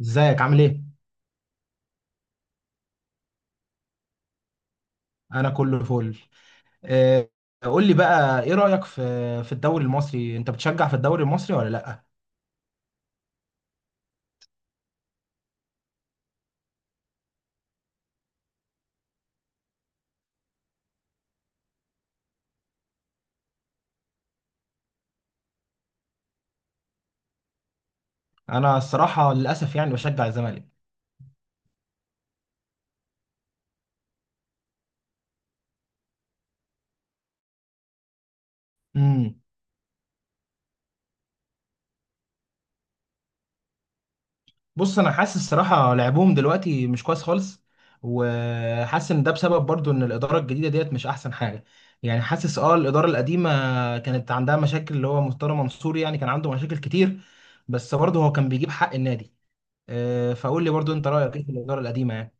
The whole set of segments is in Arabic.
ازيك عامل ايه؟ انا كله فل. آه، قول لي بقى ايه رأيك في الدوري المصري، انت بتشجع في الدوري المصري ولا لا؟ انا الصراحة للاسف يعني بشجع الزمالك. امم بص انا حاسس الصراحة لعبهم دلوقتي مش كويس خالص، وحاسس ان ده بسبب برضو ان الإدارة الجديدة ديت مش احسن حاجة. يعني حاسس اه الإدارة القديمة كانت عندها مشاكل، اللي هو مستر منصور يعني كان عنده مشاكل كتير، بس برضه هو كان بيجيب حق النادي. فقول لي برضو انت رأيك ايه في الإدارة القديمة يعني.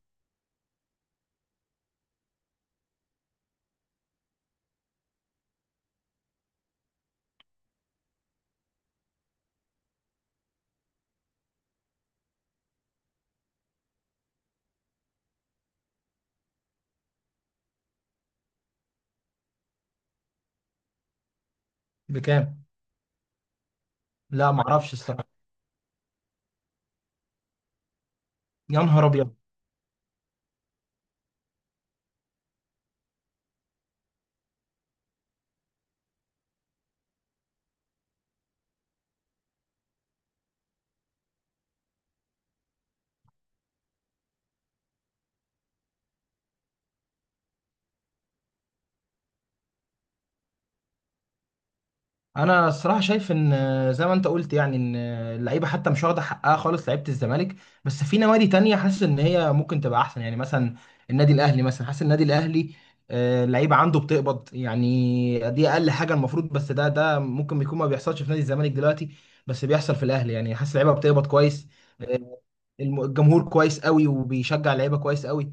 بكام؟ لا ما اعرفش الصراحه. يا نهار ابيض! انا الصراحه شايف ان زي ما انت قلت يعني ان اللعيبه حتى مش واخده حقها خالص، لعيبه الزمالك. بس في نوادي تانية حاسس ان هي ممكن تبقى احسن، يعني مثلا النادي الاهلي، مثلا حاسس النادي الاهلي اللعيبه عنده بتقبض. يعني دي اقل حاجه المفروض، بس ده ممكن بيكون ما بيحصلش في نادي الزمالك دلوقتي، بس بيحصل في الاهلي. يعني حاسس اللعيبه بتقبض كويس. آه، الجمهور كويس قوي وبيشجع اللعيبه كويس قوي.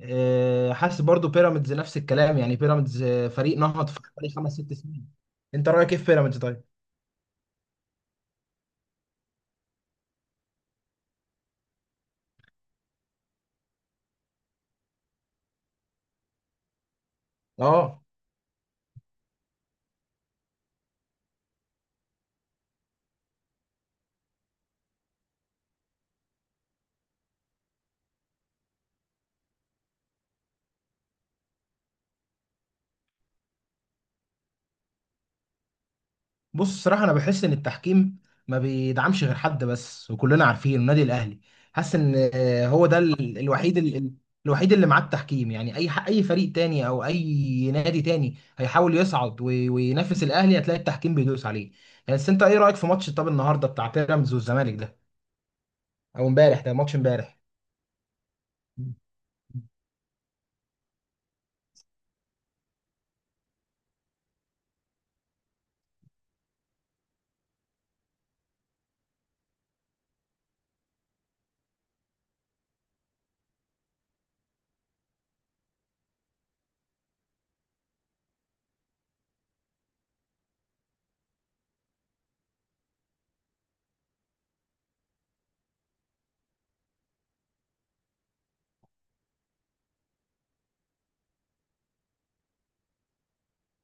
حاسس برضو بيراميدز نفس الكلام، يعني بيراميدز فريق نهض في حوالي خمس ست سنين. انت رايك ايه في بيراميدز طيب؟ اه. بص الصراحه انا بحس ان التحكيم ما بيدعمش غير حد بس، وكلنا عارفين النادي الاهلي. حاسس ان هو ده الوحيد، الوحيد اللي معاه التحكيم. يعني اي اي فريق تاني او اي نادي تاني هيحاول يصعد وينافس الاهلي، هتلاقي التحكيم بيدوس عليه يعني. بس انت ايه رايك في ماتش، طب، النهارده بتاع بيراميدز والزمالك ده، او امبارح، ده ماتش امبارح.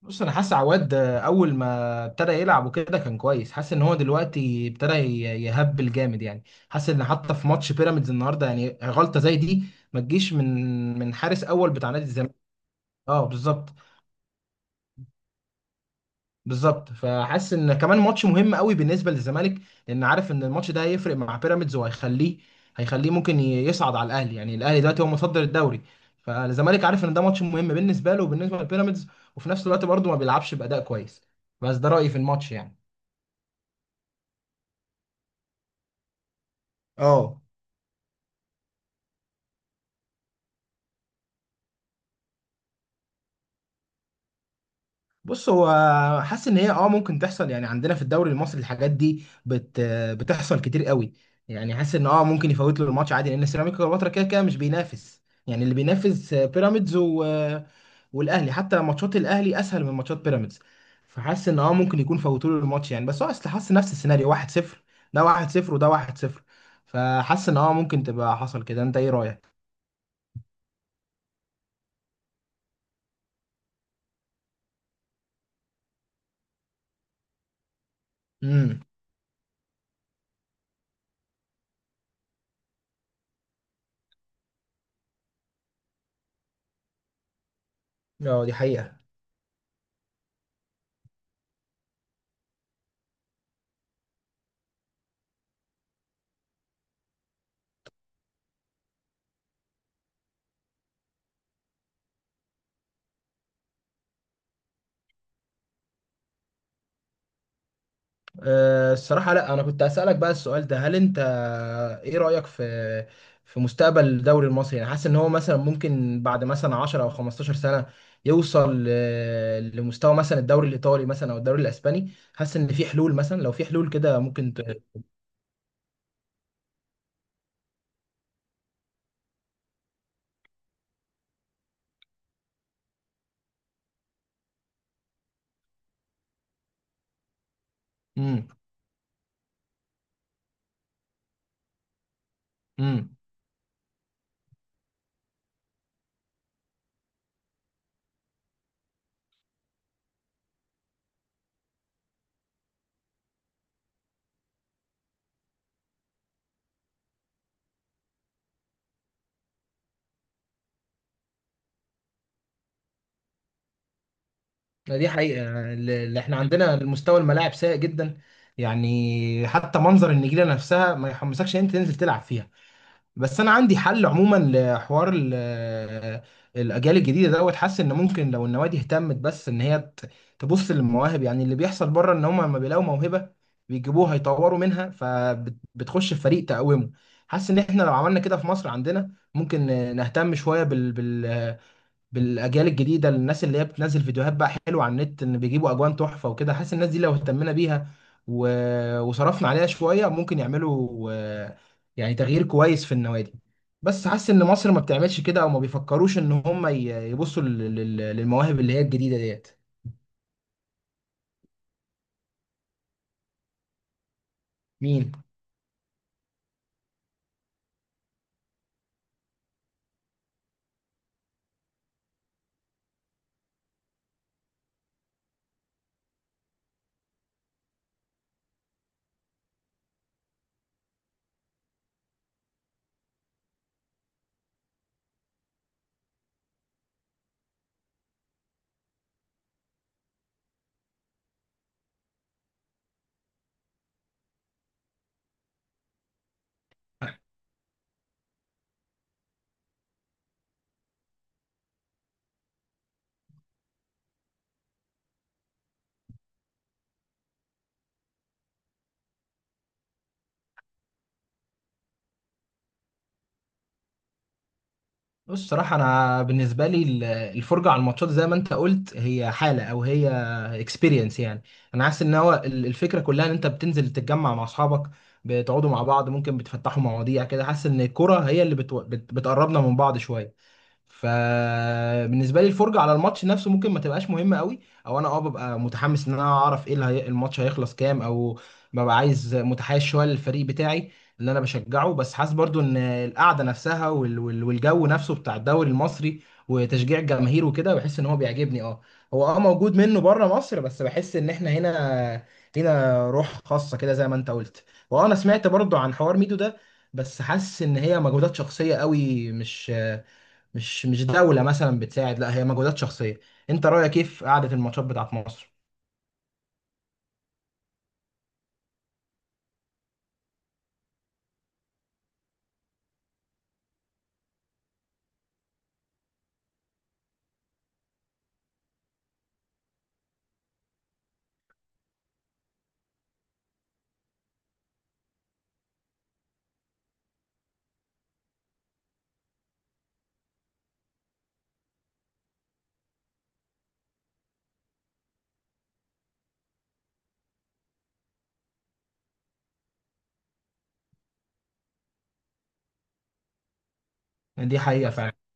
بص انا حاسس عواد ده اول ما ابتدى يلعب وكده كان كويس، حاسس ان هو دلوقتي ابتدى يهبل جامد يعني. حاسس ان حتى في ماتش بيراميدز النهارده، يعني غلطه زي دي ما تجيش من حارس اول بتاع نادي الزمالك. اه بالظبط. بالظبط، فحاسس ان كمان ماتش مهم قوي بالنسبه للزمالك، لان عارف ان الماتش ده هيفرق مع بيراميدز، هيخليه ممكن يصعد على الاهلي. يعني الاهلي دلوقتي هو متصدر الدوري، فالزمالك عارف ان ده ماتش مهم بالنسبه له وبالنسبه لبيراميدز، وفي نفس الوقت برضه ما بيلعبش باداء كويس. بس ده رايي في الماتش يعني. اه. بص هو حاسس ان هي اه ممكن تحصل، يعني عندنا في الدوري المصري الحاجات دي بتحصل كتير قوي. يعني حاسس ان اه ممكن يفوت له الماتش عادي، لان سيراميكا كليوباترا كده كده مش بينافس. يعني اللي بينافس بيراميدز والاهلي، حتى ماتشات الاهلي اسهل من ماتشات بيراميدز. فحاسس ان اه ممكن يكون فوتوا له الماتش يعني، بس هو اصل حاسس نفس السيناريو، 1-0 ده، 1-0 وده 1-0. فحاسس ان اه ممكن تبقى حصل كده. انت ايه رايك؟ امم اه دي حقيقة. أه، الصراحة لا، أنا كنت أسألك بقى السؤال ده، هل أنت إيه رأيك في مستقبل الدوري المصري؟ يعني حاسس إن هو مثلا ممكن بعد مثلا 10 أو 15 سنة يوصل لمستوى مثلا الدوري الإيطالي مثلا، أو الدوري الإسباني. حاسس إن في حلول؟ مثلا لو في حلول كده ممكن امم امم دي حقيقة، يعني اللي إحنا عندنا المستوى الملاعب سيء جدا. يعني حتى منظر النجيلة نفسها ما يحمسكش إن أنت تنزل تلعب فيها. بس انا عندي حل عموما لحوار الاجيال الجديده دوت. حاسس ان ممكن لو النوادي اهتمت، بس ان هي تبص للمواهب، يعني اللي بيحصل بره ان هم لما بيلاقوا موهبه بيجيبوها يطوروا منها، فبتخش في فريق تقومه. حاسس ان احنا لو عملنا كده في مصر عندنا، ممكن نهتم شويه بالاجيال الجديده. الناس اللي هي بتنزل فيديوهات بقى حلوه على النت، ان بيجيبوا اجوان تحفه وكده، حاسس الناس دي لو اهتمنا بيها و... وصرفنا عليها شويه ممكن يعملوا يعني تغيير كويس في النوادي. بس حاسس ان مصر ما بتعملش كده، او ما بيفكروش ان هم يبصوا للمواهب اللي هي الجديده ديت. مين؟ بص صراحة أنا بالنسبة لي الفرجة على الماتشات زي ما أنت قلت هي حالة، أو هي اكسبيرينس يعني. أنا حاسس إن هو الفكرة كلها إن أنت بتنزل تتجمع مع أصحابك، بتقعدوا مع بعض، ممكن بتفتحوا مواضيع كده. حاسس إن الكرة هي اللي بتقربنا من بعض شوية. فبالنسبه لي الفرجه على الماتش نفسه ممكن ما تبقاش مهمه قوي، او انا اه ببقى متحمس ان انا اعرف ايه الماتش هيخلص كام، او ببقى عايز متحيز شويه للفريق بتاعي اللي انا بشجعه. بس حاسس برضو ان القعده نفسها والجو نفسه بتاع الدوري المصري وتشجيع الجماهير وكده، بحس ان هو بيعجبني. اه هو اه موجود منه بره مصر، بس بحس ان احنا هنا لينا روح خاصه كده زي ما انت قلت. وانا سمعت برضو عن حوار ميدو ده، بس حاسس ان هي مجهودات شخصيه قوي، مش مش دولة مثلا بتساعد، لا هي مجهودات شخصية. انت رأيك كيف قعدة الماتشات بتاعت مصر؟ دي حقيقة فعلا.